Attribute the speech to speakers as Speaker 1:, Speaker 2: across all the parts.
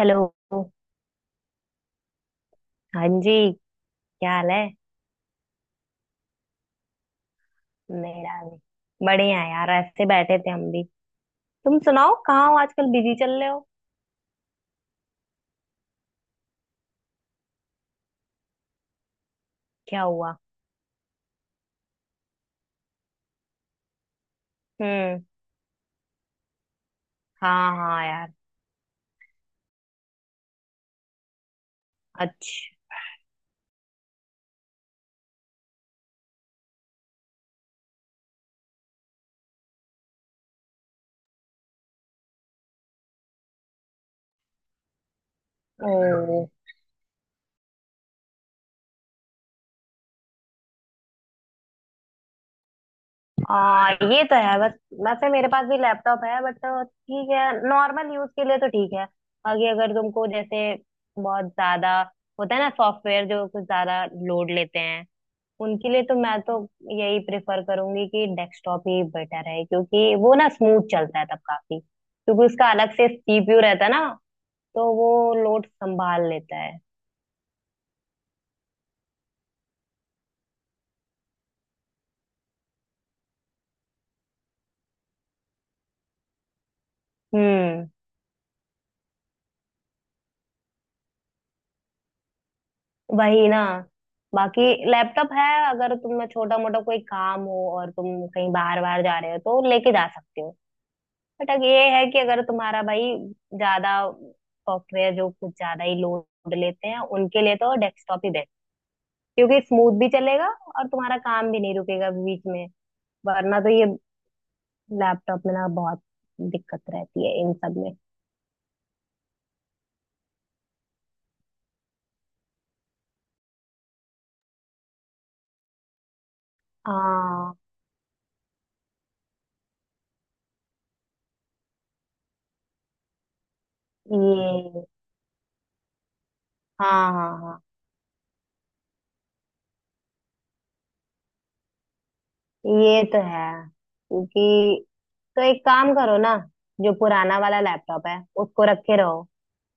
Speaker 1: Hello. हाँ जी। क्या हाल है? मेरा भी बढ़िया है यार, ऐसे बैठे थे हम भी। तुम सुनाओ, कहाँ हो आजकल, बिजी चल रहे हो? क्या हुआ? हम्म। हाँ हाँ यार। अच्छा। ओ। ये तो है बस। वैसे मेरे पास भी लैपटॉप है बट ठीक है, नॉर्मल यूज के लिए तो ठीक है। बाकी अगर तुमको जैसे बहुत ज्यादा होता है ना, सॉफ्टवेयर जो कुछ ज्यादा लोड लेते हैं, उनके लिए तो मैं तो यही प्रेफर करूंगी कि डेस्कटॉप ही बेटर है, क्योंकि वो ना स्मूथ चलता है तब काफी, क्योंकि उसका अलग से सीपीयू रहता है ना, तो वो लोड संभाल लेता है। हम्म। वही ना। बाकी लैपटॉप है, अगर तुम्हें छोटा मोटा कोई काम हो और तुम कहीं बाहर बाहर जा रहे हो तो लेके जा सकते हो। बट अगर ये है कि अगर तुम्हारा भाई ज्यादा सॉफ्टवेयर जो कुछ ज्यादा ही लोड लेते हैं, उनके लिए तो डेस्कटॉप ही, क्योंकि स्मूथ भी चलेगा और तुम्हारा काम भी नहीं रुकेगा बीच में। वरना तो ये लैपटॉप में ना बहुत दिक्कत रहती है इन सब में। हाँ। ये। हाँ हाँ हाँ, ये तो है। क्योंकि तो एक काम करो ना, जो पुराना वाला लैपटॉप है उसको रखे रहो।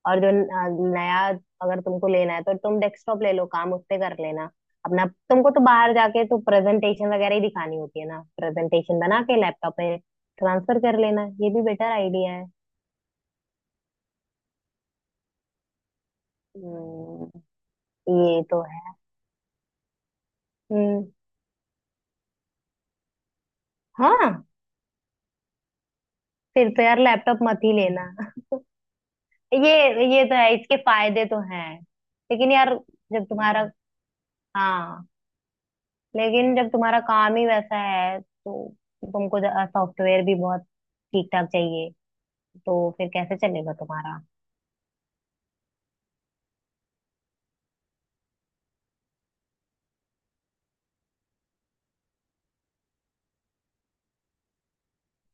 Speaker 1: और जो नया अगर तुमको लेना है तो तुम डेस्कटॉप ले लो, काम उससे कर लेना अपना। तुमको तो बाहर जाके तो प्रेजेंटेशन वगैरह ही दिखानी होती है ना, प्रेजेंटेशन बना के लैपटॉप में ट्रांसफर कर लेना, ये भी बेटर आइडिया। हम्म, ये तो है। हम्म। हाँ। फिर तो यार लैपटॉप मत ही लेना। ये तो है, इसके फायदे तो हैं। लेकिन यार, जब तुम्हारा हाँ, लेकिन जब तुम्हारा काम ही वैसा है तो तुमको सॉफ्टवेयर भी बहुत ठीक ठाक चाहिए, तो फिर कैसे चलेगा तुम्हारा?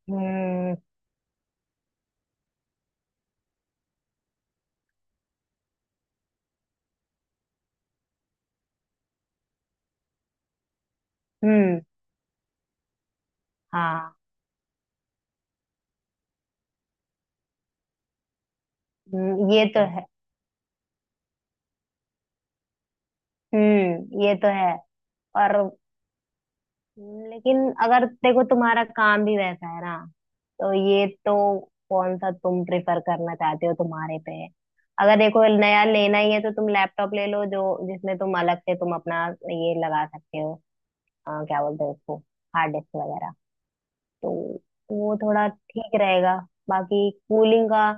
Speaker 1: हम्म हम्म। हाँ। ये तो है। हम्म। ये तो है। और लेकिन अगर देखो तुम्हारा काम भी वैसा है ना, तो ये तो कौन सा तुम प्रेफर करना चाहते हो तुम्हारे पे है। अगर देखो नया लेना ही है तो तुम लैपटॉप ले लो, जो जिसमें तुम अलग से तुम अपना ये लगा सकते हो, क्या बोलते हो उसको, हार्ड डिस्क वगैरह, तो वो थोड़ा ठीक रहेगा। बाकी कूलिंग का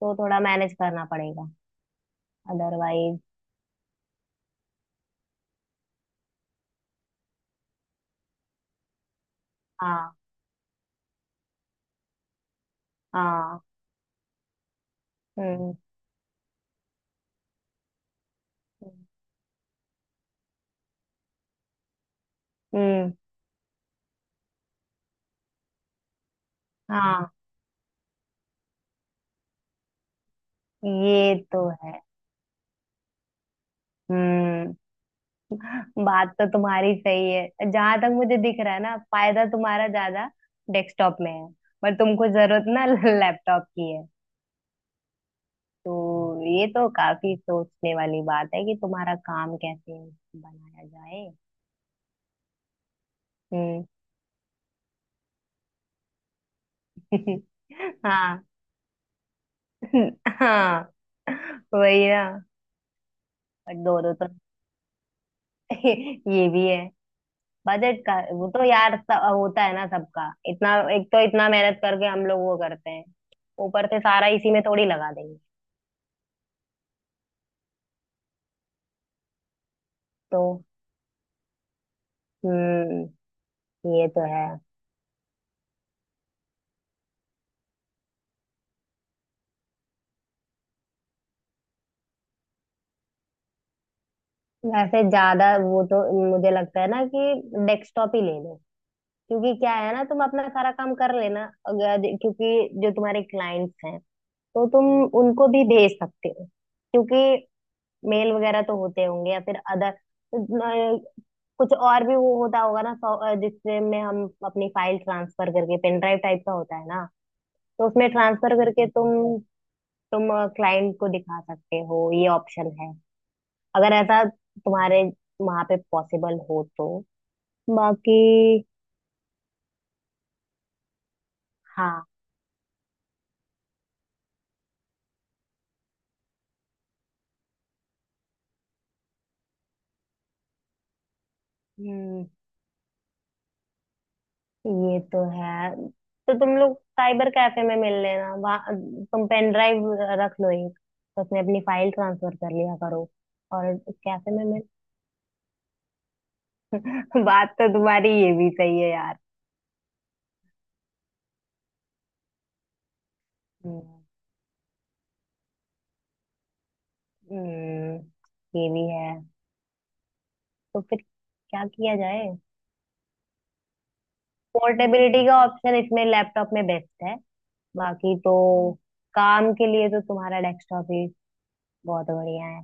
Speaker 1: तो थोड़ा मैनेज करना पड़ेगा, अदरवाइज। हाँ। हाँ। हम्म। हम्म। हाँ। ये तो है। हम्म। बात तो तुम्हारी सही है, जहां तक मुझे दिख रहा है ना, फायदा तुम्हारा ज्यादा डेस्कटॉप में है, पर तुमको जरूरत ना लैपटॉप की है, तो ये तो काफी सोचने वाली बात है कि तुम्हारा काम कैसे बनाया जाए। हम्म। हाँ। हाँ। वही ना। पर दोनों तो ये भी है। बजट का वो तो यार होता है ना सबका, इतना एक तो इतना मेहनत करके हम लोग वो करते हैं, ऊपर से सारा इसी में थोड़ी लगा देंगे। तो हम्म, ये तो है। वैसे ज्यादा वो तो मुझे लगता है ना कि डेस्कटॉप ही ले लो, क्योंकि क्या है ना, तुम अपना सारा काम कर लेना, अगर क्योंकि जो तुम्हारे क्लाइंट्स हैं तो तुम उनको भी भेज सकते हो, क्योंकि मेल वगैरह तो होते होंगे, या फिर अदर कुछ और भी वो होता होगा ना, जिससे में हम अपनी फाइल ट्रांसफर करके, पेन ड्राइव टाइप का होता है ना, तो उसमें ट्रांसफर करके तुम क्लाइंट को दिखा सकते हो, ये ऑप्शन है अगर ऐसा तुम्हारे वहां पे पॉसिबल हो तो। बाकी। हाँ। हम्म। ये तो है। तो तुम लोग साइबर कैफे में मिल लेना, वहाँ तुम पेन ड्राइव रख लो एक, तो उसमें अपनी फाइल ट्रांसफर कर लिया करो। और कैफे में मिल। बात तो तुम्हारी ये भी सही है यार। हम्म हम्म, ये भी है। तो फिर क्या किया जाए? पोर्टेबिलिटी का ऑप्शन इसमें लैपटॉप में बेस्ट है, बाकी तो काम के लिए तो तुम्हारा डेस्कटॉप ही बहुत बढ़िया है।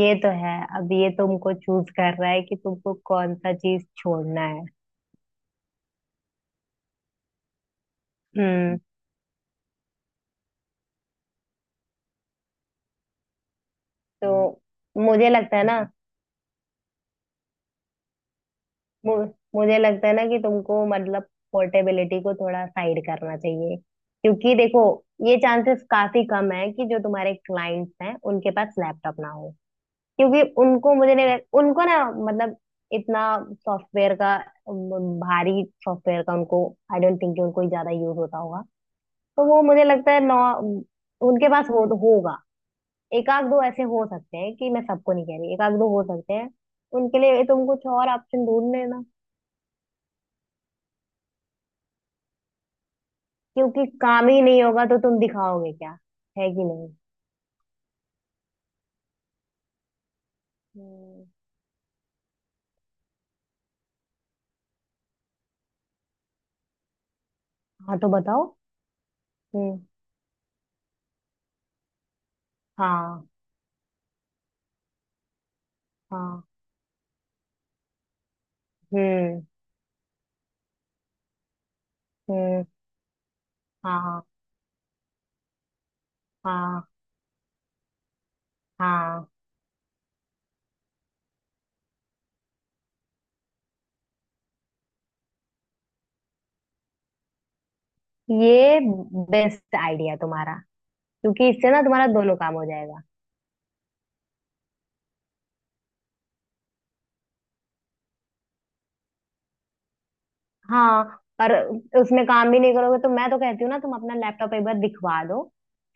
Speaker 1: ये तो है, अब ये तुमको चूज कर रहा है कि तुमको कौन सा चीज छोड़ना है। हम्म हम्म, तो मुझे लगता है ना, मु, कि तुमको मतलब पोर्टेबिलिटी को थोड़ा साइड करना चाहिए, क्योंकि देखो ये चांसेस काफी कम है कि जो तुम्हारे क्लाइंट्स हैं उनके पास लैपटॉप ना हो, क्योंकि उनको मुझे नहीं उनको ना मतलब इतना सॉफ्टवेयर का भारी सॉफ्टवेयर का उनको आई डोंट थिंक कि उनको ज्यादा यूज होता होगा, तो वो मुझे लगता है नौ उनके पास हो होगा, एक आध दो ऐसे हो सकते हैं कि मैं सबको नहीं कह रही, एक आध दो हो सकते हैं, उनके लिए तुम कुछ और ऑप्शन ढूंढ लेना, क्योंकि काम ही नहीं होगा तो तुम दिखाओगे क्या, है कि नहीं। हम्म। हाँ तो बताओ। हम्म। हाँ। हाँ। हम्म। हम्म। हाँ। हाँ। हाँ। ये बेस्ट आइडिया तुम्हारा, क्योंकि इससे ना तुम्हारा दोनों काम हो जाएगा। हाँ। पर उसमें काम भी नहीं करोगे, तो मैं तो कहती हूँ ना, तुम अपना लैपटॉप एक बार दिखवा दो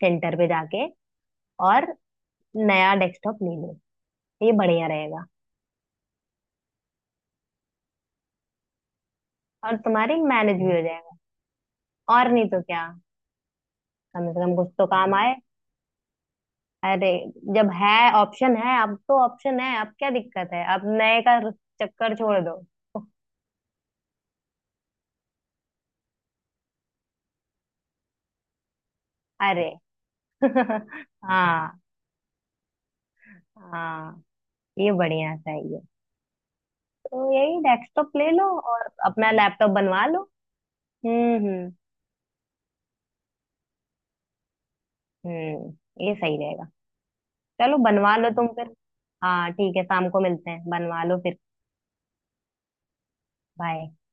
Speaker 1: सेंटर पे जाके, और नया डेस्कटॉप ले लो, ये बढ़िया रहेगा। और तुम्हारी मैनेज भी हो जाएगा, और नहीं तो क्या, कम से कम कुछ तो काम आए। अरे जब है, ऑप्शन है अब, तो ऑप्शन है अब, क्या दिक्कत है, अब नए का चक्कर छोड़ दो। अरे हाँ। हाँ, ये बढ़िया चाहिए। तो यही डेस्कटॉप ले लो और अपना लैपटॉप बनवा लो। हम्म। हम्म। ये सही रहेगा। चलो बनवा लो तुम फिर। हाँ ठीक है, शाम को मिलते हैं, बनवा लो फिर। बाय।